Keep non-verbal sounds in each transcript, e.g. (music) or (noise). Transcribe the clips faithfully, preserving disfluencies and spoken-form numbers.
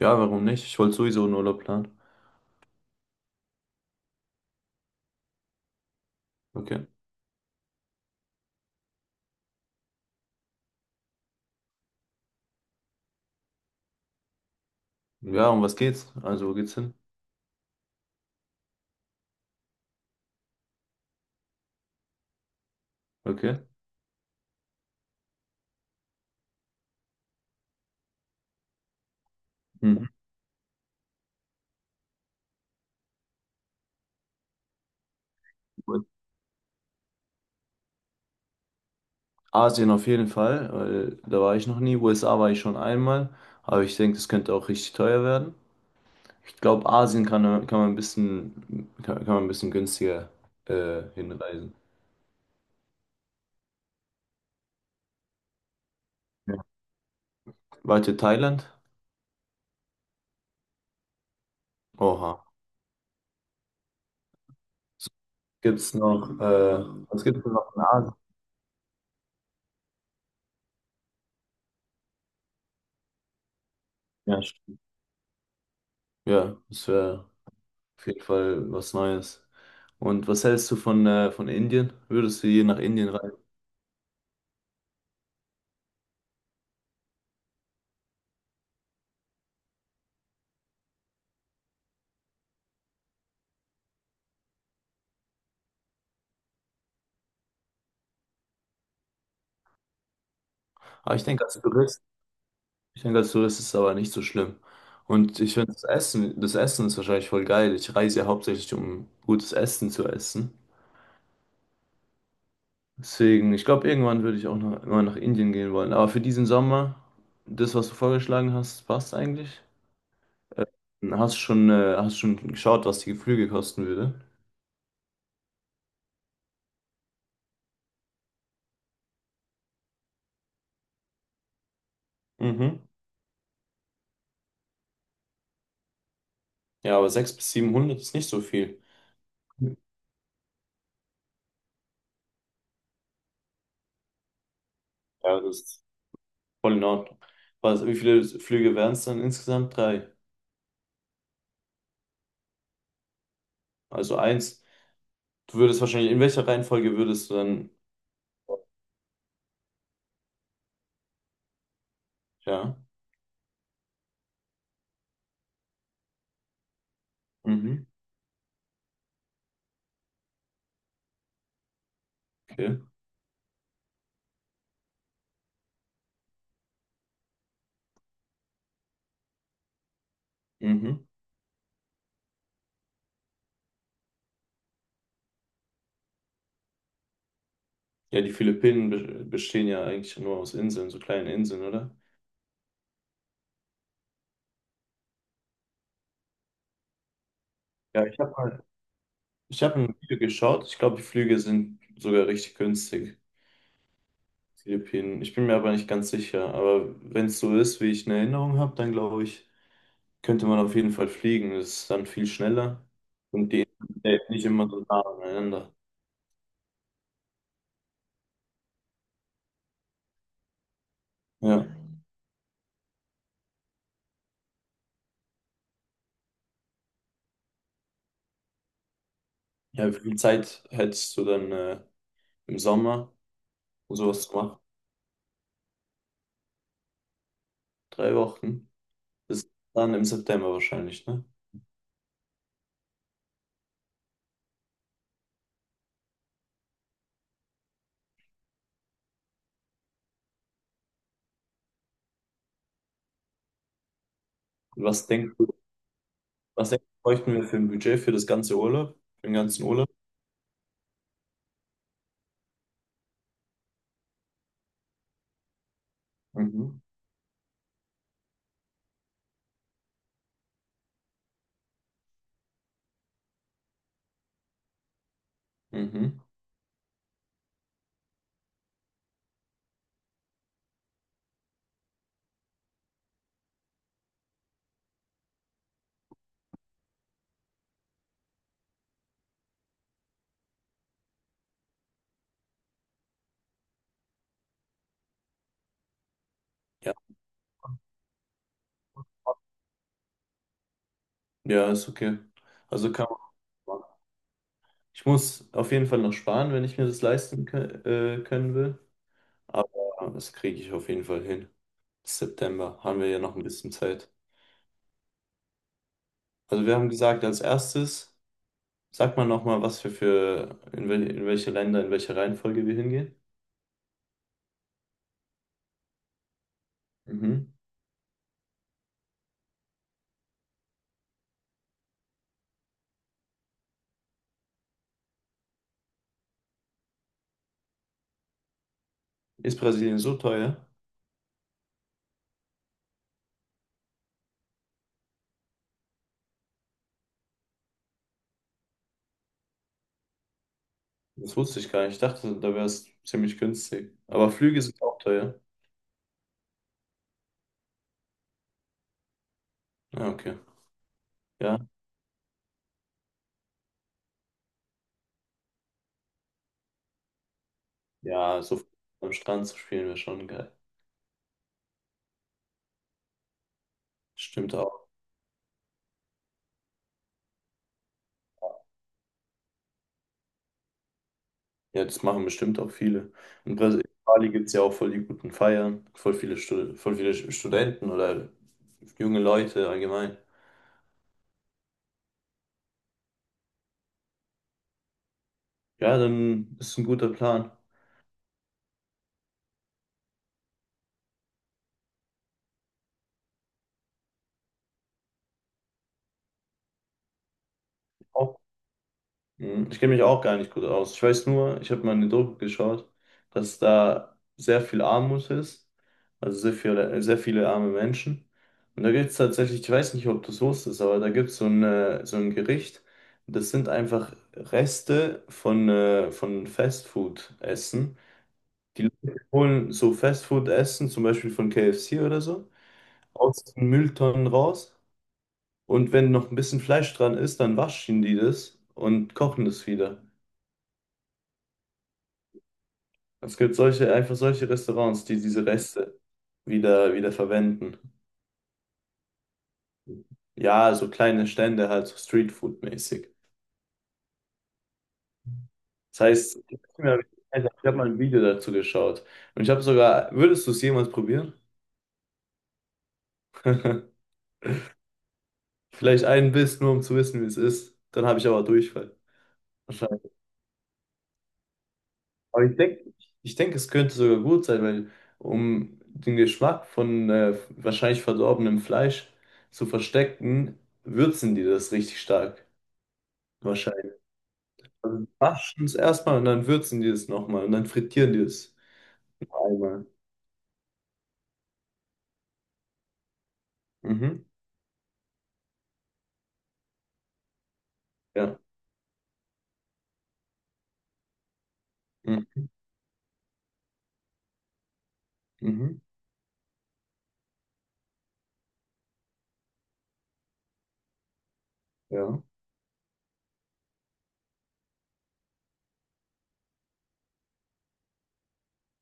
Ja, warum nicht? Ich wollte sowieso einen Urlaub planen. Okay. Ja, um was geht's? Also, wo geht's hin? Okay. Mhm. Asien auf jeden Fall, weil da war ich noch nie. U S A war ich schon einmal, aber ich denke, das könnte auch richtig teuer werden. Ich glaube, Asien kann, kann man ein bisschen, kann, kann man ein bisschen günstiger äh, hinreisen. Ja. Weiter Thailand? Oha. Gibt's noch, äh, Was gibt's denn noch in Asien? Ja, st- ja, das wäre auf jeden Fall was Neues. Und was hältst du von, äh, von Indien? Würdest du je nach Indien reisen? Aber ich denke, als Tourist, Ich denke, als Tourist ist es aber nicht so schlimm. Und ich finde, das Essen, das Essen ist wahrscheinlich voll geil. Ich reise ja hauptsächlich, um gutes Essen zu essen. Deswegen, ich glaube, irgendwann würde ich auch noch mal nach Indien gehen wollen. Aber für diesen Sommer, das, was du vorgeschlagen hast, passt eigentlich. Äh, hast schon, äh, hast schon geschaut, was die Flüge kosten würde? Mhm. Ja, aber sechshundert bis siebenhundert ist nicht so viel. Ja, das Voll in Ordnung. Was, wie viele Flüge wären es dann insgesamt? Drei. Also eins. Du würdest wahrscheinlich, in welcher Reihenfolge würdest du dann, ja, mhm, okay, mhm. Ja, die Philippinen be- bestehen ja eigentlich nur aus Inseln, so kleinen Inseln, oder? Ja, ich habe mal, ich habe ein Video geschaut. Ich glaube, die Flüge sind sogar richtig günstig. Philippinen. Ich bin mir aber nicht ganz sicher. Aber wenn es so ist, wie ich eine Erinnerung habe, dann glaube ich, könnte man auf jeden Fall fliegen. Das ist dann viel schneller und die sind nicht immer so nah aneinander. Ja. Ja, wie viel Zeit hättest du dann äh, im Sommer, um sowas zu machen? Drei Wochen? Das ist dann im September wahrscheinlich, ne? Und was denkst du, was denkst du, bräuchten wir für ein Budget für das ganze Urlaub? Für den ganzen Urlaub? Mhm. Mhm. Ja. Ja, ist okay. Also kann man machen. Ich muss auf jeden Fall noch sparen, wenn ich mir das leisten kö- äh, können will. Aber das kriege ich auf jeden Fall hin. September haben wir ja noch ein bisschen Zeit. Also wir haben gesagt, als erstes. Sag mal nochmal, was wir für, in, wel in welche Länder, in welche Reihenfolge wir hingehen. Mhm. Ist Brasilien so teuer? Das wusste ich gar nicht. Ich dachte, da wäre es ziemlich günstig. Aber Flüge sind auch teuer. Ah, okay. Ja. Ja, so am Strand zu spielen wäre schon geil. Stimmt auch. Ja, das machen bestimmt auch viele. In Bras- in Bali gibt es ja auch voll die guten Feiern, voll viele, Stud voll viele Sch- Studenten oder junge Leute allgemein. Ja, dann ist ein guter Plan. Hm, ich kenne mich auch gar nicht gut aus. Ich weiß nur, ich habe mal eine Doku geschaut, dass da sehr viel Armut ist, also sehr viele, sehr viele arme Menschen. Und da gibt es tatsächlich, ich weiß nicht, ob du es wusstest, aber da gibt es so eine, so ein Gericht, das sind einfach Reste von, äh, von Fastfood-Essen. Die Leute holen so Fastfood-Essen, zum Beispiel von K F C oder so, aus den Mülltonnen raus. Und wenn noch ein bisschen Fleisch dran ist, dann waschen die das und kochen das wieder. Es gibt solche, einfach solche Restaurants, die diese Reste wieder, wieder verwenden. Ja, so kleine Stände halt, so Streetfood-mäßig. Das heißt, ich habe mal ein Video dazu geschaut. Und ich habe sogar, würdest du es jemals probieren? (laughs) Vielleicht einen Biss, nur um zu wissen, wie es ist. Dann habe ich aber Durchfall. Wahrscheinlich. Aber ich denke, ich denke, es könnte sogar gut sein, weil um den Geschmack von äh, wahrscheinlich verdorbenem Fleisch zu verstecken, würzen die das richtig stark. Wahrscheinlich. Also waschen es erstmal und dann würzen die es nochmal und dann frittieren die es einmal. Mhm. Ja. Mhm. Mhm. Ja.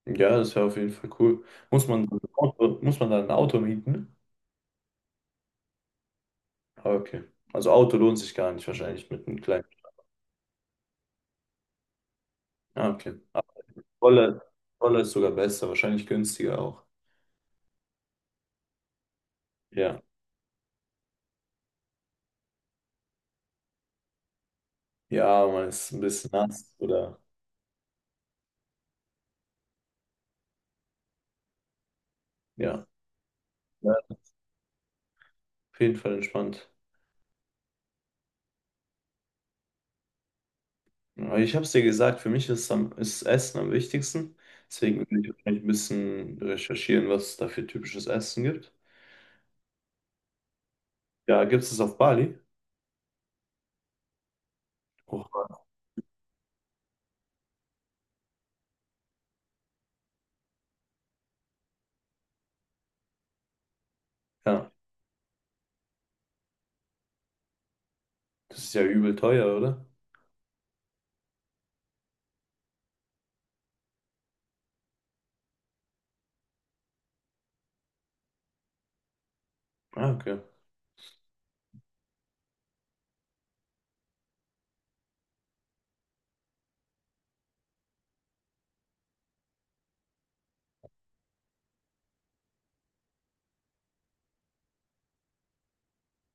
Ja, das wäre auf jeden Fall cool. Muss man ein Auto, muss man dann ein Auto mieten? Ah, okay. Also Auto lohnt sich gar nicht wahrscheinlich mit einem kleinen. Ah, okay. Aber Roller, Roller ist sogar besser, wahrscheinlich günstiger auch. Ja. Ja, man ist ein bisschen nass oder ja. Ja, auf jeden Fall entspannt. Aber ich habe es dir gesagt, für mich ist, am, ist Essen am wichtigsten. Deswegen will ich wahrscheinlich ein bisschen recherchieren, was es da für typisches Essen gibt. Ja, gibt es es auf Bali? Oh, ja, das ist ja übel teuer, oder? Ah, okay.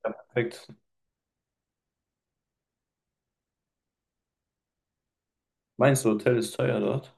Ja, perfekt. Meinst du, Hotel ist teuer dort?